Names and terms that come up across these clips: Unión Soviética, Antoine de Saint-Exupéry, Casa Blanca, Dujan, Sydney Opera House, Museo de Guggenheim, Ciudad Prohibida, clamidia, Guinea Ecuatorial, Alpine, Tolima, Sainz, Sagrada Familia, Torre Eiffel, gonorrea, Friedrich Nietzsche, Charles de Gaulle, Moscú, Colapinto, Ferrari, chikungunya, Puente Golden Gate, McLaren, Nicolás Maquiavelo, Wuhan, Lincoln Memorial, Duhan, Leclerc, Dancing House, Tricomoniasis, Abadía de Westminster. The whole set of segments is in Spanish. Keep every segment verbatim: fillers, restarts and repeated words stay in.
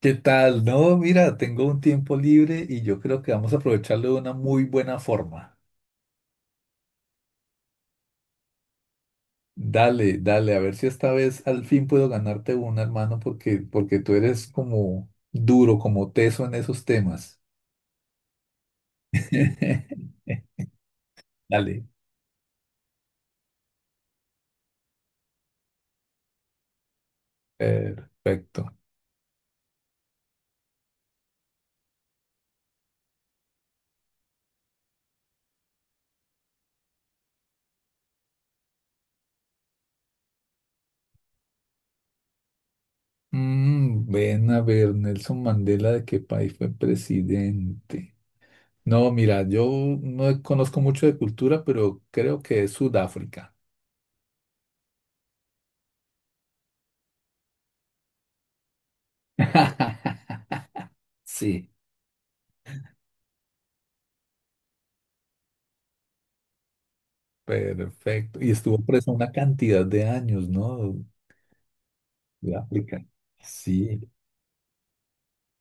¿Qué tal? No, mira, tengo un tiempo libre y yo creo que vamos a aprovecharlo de una muy buena forma. Dale, dale, a ver si esta vez al fin puedo ganarte una, hermano, porque, porque tú eres como duro, como teso en esos temas. Dale. Perfecto. Mm, ven a ver, Nelson Mandela, ¿de qué país fue presidente? No, mira, yo no conozco mucho de cultura, pero creo que es Sudáfrica. Sí. Perfecto. Y estuvo presa una cantidad de años, ¿no? De África. Sí,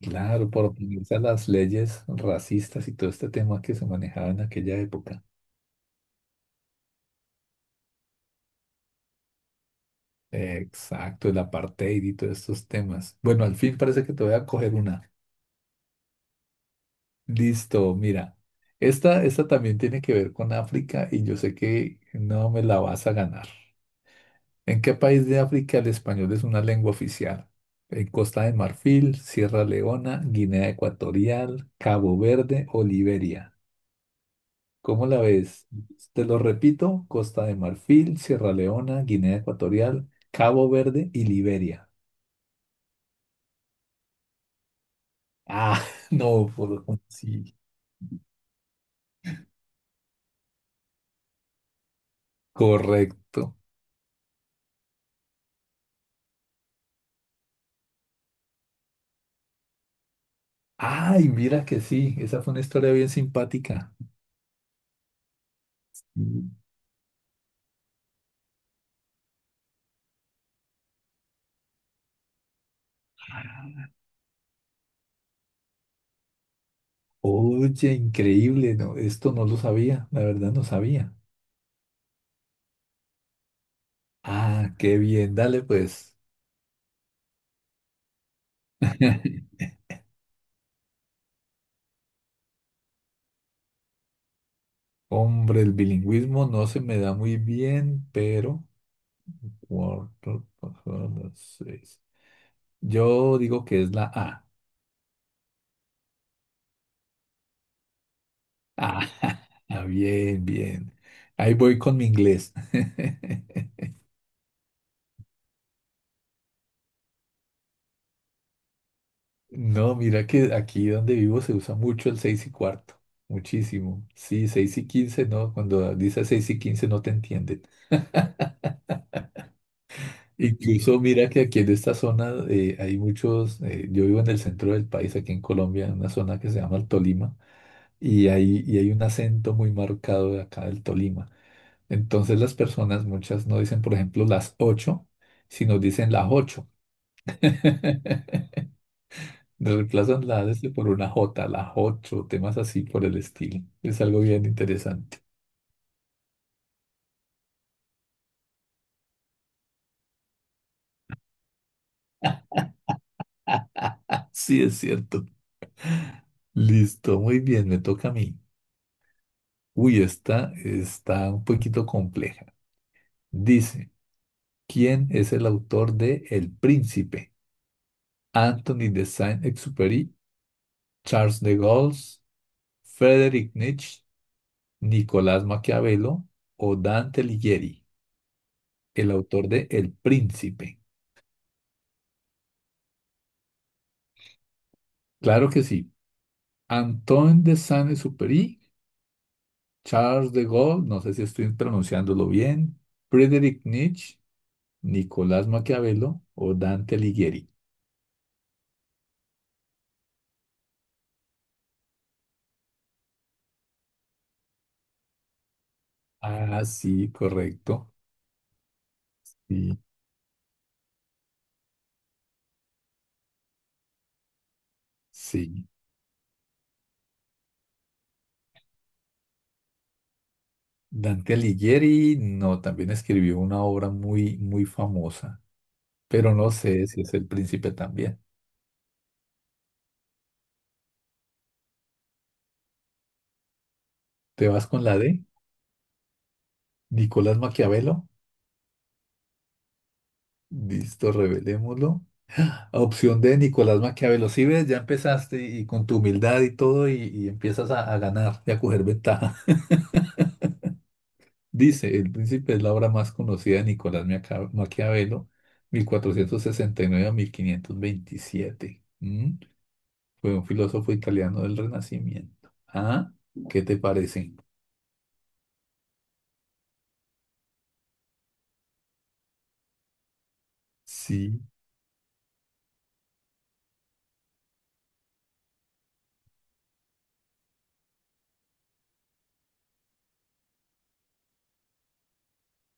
claro, por oponerse a las leyes racistas y todo este tema que se manejaba en aquella época. Exacto, el apartheid y todos estos temas. Bueno, al fin parece que te voy a coger una. Listo, mira. Esta, esta también tiene que ver con África y yo sé que no me la vas a ganar. ¿En qué país de África el español es una lengua oficial? En Costa de Marfil, Sierra Leona, Guinea Ecuatorial, Cabo Verde o Liberia. ¿Cómo la ves? Te lo repito, Costa de Marfil, Sierra Leona, Guinea Ecuatorial, Cabo Verde y Liberia. Ah, no, por... sí, correcto. Ay, mira que sí, esa fue una historia bien simpática. Oye, increíble, no, esto no lo sabía, la verdad no sabía. Ah, qué bien, dale pues. Hombre, el bilingüismo no se me da muy bien, pero cuatro, cuatro, seis. Yo digo que es la A. Ah, ah, bien, bien. Ahí voy con mi inglés. No, mira que aquí donde vivo se usa mucho el seis y cuarto. Muchísimo. Sí, seis y quince, no, cuando dice seis y quince no te entienden. Incluso mira que aquí en esta zona eh, hay muchos, eh, yo vivo en el centro del país, aquí en Colombia, en una zona que se llama el Tolima, y hay, y hay un acento muy marcado de acá del Tolima. Entonces las personas, muchas no dicen, por ejemplo, las ocho, sino dicen las ocho. Reemplazan la S por una J, las ocho, temas así por el estilo. Es algo bien interesante. Sí, es cierto. Listo, muy bien, me toca a mí. Uy, esta está un poquito compleja. Dice. ¿Quién es el autor de El Príncipe? Anthony de Saint-Exupéry, Charles de Gaulle, Friedrich Nietzsche, Nicolás Maquiavelo o Dante Alighieri, el autor de El Príncipe. Claro que sí. Antoine de Saint-Exupéry, Charles de Gaulle, no sé si estoy pronunciándolo bien, Friedrich Nietzsche, Nicolás Maquiavelo o Dante Alighieri. Ah, sí, correcto. Sí, sí. Dante Alighieri no, también escribió una obra muy, muy famosa, pero no sé si es el príncipe también. ¿Te vas con la D? Nicolás Maquiavelo. Listo, revelémoslo. Opción D, Nicolás Maquiavelo. Si ves, ya empezaste y con tu humildad y todo, y, y empiezas a, a ganar y a coger ventaja. Dice, El Príncipe es la obra más conocida de Nicolás Maquia- Maquiavelo, mil cuatrocientos sesenta y nueve a mil quinientos veintisiete. Fue un filósofo italiano del Renacimiento. ¿Ah? ¿Qué te parece? Sí.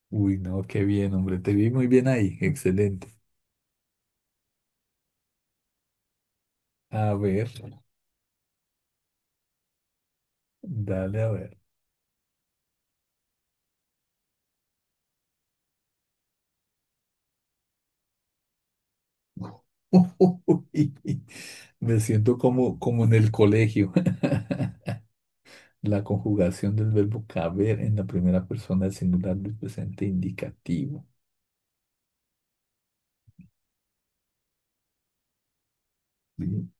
Uy, no, qué bien, hombre. Te vi muy bien ahí. Excelente. A ver, dale a ver. Uy, me siento como, como en el colegio. La conjugación del verbo caber en la primera persona del singular del presente indicativo. Sí.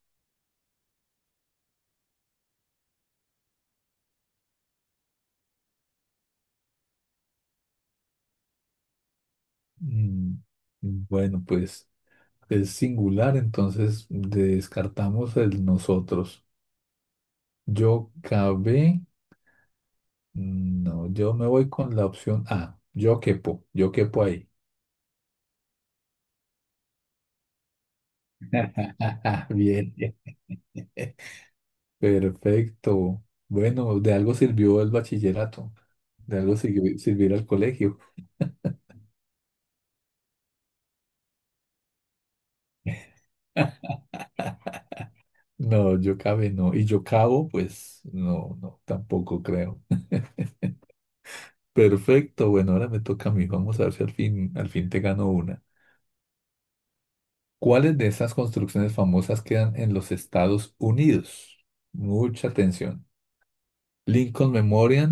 Mm, Bueno, pues es singular, entonces descartamos el nosotros. Yo cabé. No, yo me voy con la opción A. Yo quepo, yo quepo ahí. Bien, bien. Perfecto. Bueno, de algo sirvió el bachillerato, de algo sirvió, sirvió ir al colegio. No, yo cabe no. Y yo cabo, pues no, no, tampoco creo. Perfecto, bueno, ahora me toca a mí. Vamos a ver si al fin, al fin te gano una. ¿Cuáles de esas construcciones famosas quedan en los Estados Unidos? Mucha atención. Lincoln Memorial,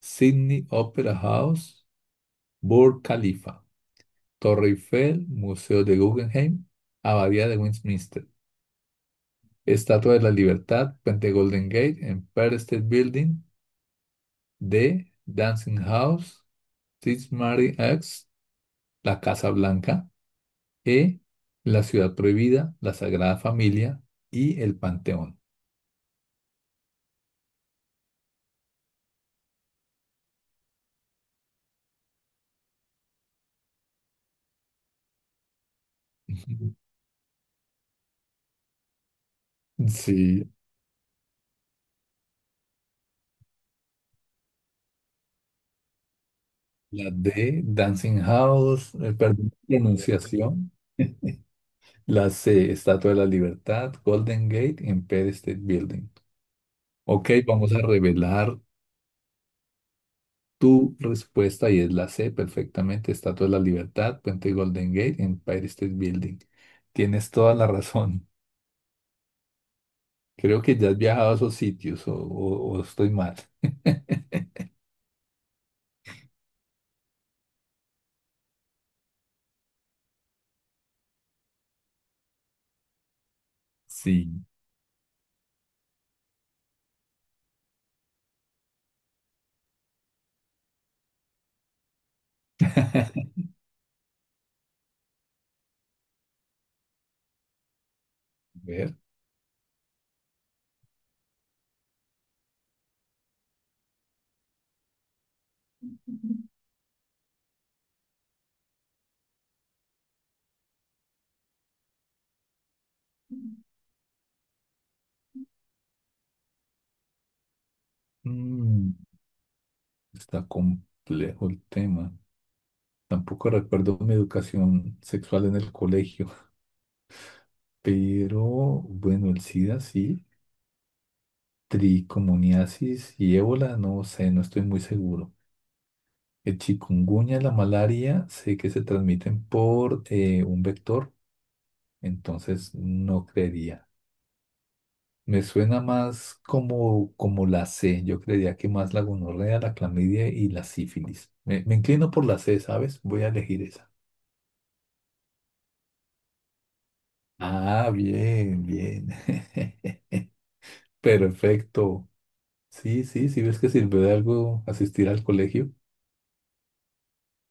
Sydney Opera House, Burj Khalifa, Torre Eiffel, Museo de Guggenheim, Abadía de Westminster, Estatua de la Libertad, Puente Golden Gate, Empire State Building, D, Dancing House, saint Mary X, la Casa Blanca, E, la Ciudad Prohibida, la Sagrada Familia y el Panteón. Sí, la D, Dancing House, eh, perdón, pronunciación. La C, Estatua de la Libertad, Golden Gate, Empire State Building. Ok, vamos a revelar tu respuesta y es la C, perfectamente. Estatua de la Libertad, Puente Golden Gate, Empire State Building. Tienes toda la razón. Creo que ya has viajado a esos sitios o, o- o estoy mal. Sí. ver. Mm, está complejo el tema. Tampoco recuerdo mi educación sexual en el colegio, pero bueno, el SIDA sí. Tricomoniasis y ébola, no sé, no estoy muy seguro. El chikungunya, la malaria, sé que se transmiten por eh, un vector, entonces no creería. Me suena más como, como la C, yo creería que más la gonorrea, la clamidia y la sífilis. Me, me inclino por la C, ¿sabes? Voy a elegir esa. Ah, bien, bien. Perfecto. Sí, sí, sí ves que sirvió de algo asistir al colegio.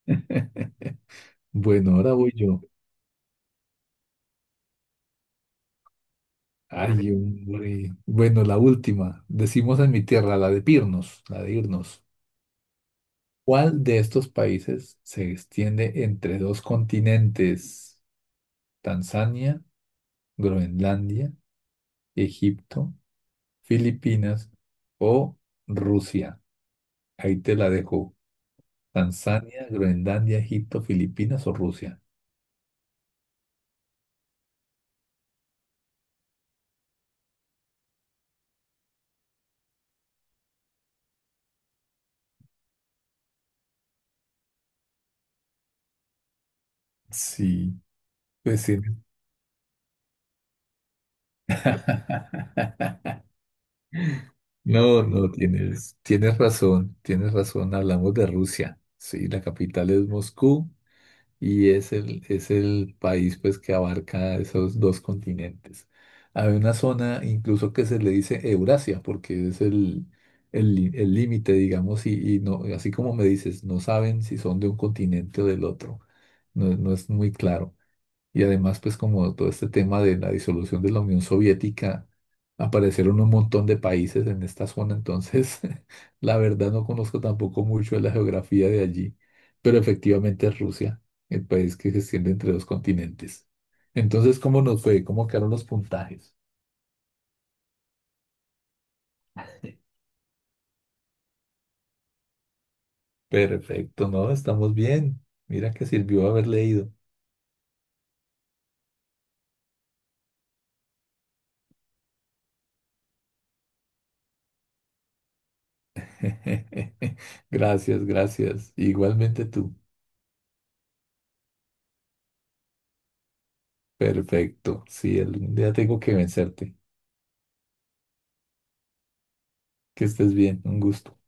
Bueno, ahora voy yo. Ay, hombre. Bueno, la última. Decimos en mi tierra, la de Pirnos, la de irnos. ¿Cuál de estos países se extiende entre dos continentes? Tanzania, Groenlandia, Egipto, Filipinas o Rusia. Ahí te la dejo. Tanzania, Groenlandia, Egipto, Filipinas o Rusia. Sí, pues sí. No, no, tienes, tienes razón, tienes razón. Hablamos de Rusia. Sí, la capital es Moscú y es el, es el país pues, que abarca esos dos continentes. Hay una zona incluso que se le dice Eurasia porque es el, el, lí- el límite, digamos, y, y no, así como me dices, no saben si son de un continente o del otro. No, no es muy claro. Y además, pues como todo este tema de la disolución de la Unión Soviética, aparecieron un montón de países en esta zona, entonces la verdad no conozco tampoco mucho de la geografía de allí, pero efectivamente es Rusia, el país que se extiende entre dos continentes. Entonces, ¿cómo nos fue? ¿Cómo quedaron los puntajes? Perfecto, ¿no? Estamos bien. Mira que sirvió haber leído. Gracias, gracias. Igualmente tú. Perfecto. Sí, algún día tengo que vencerte. Que estés bien, un gusto.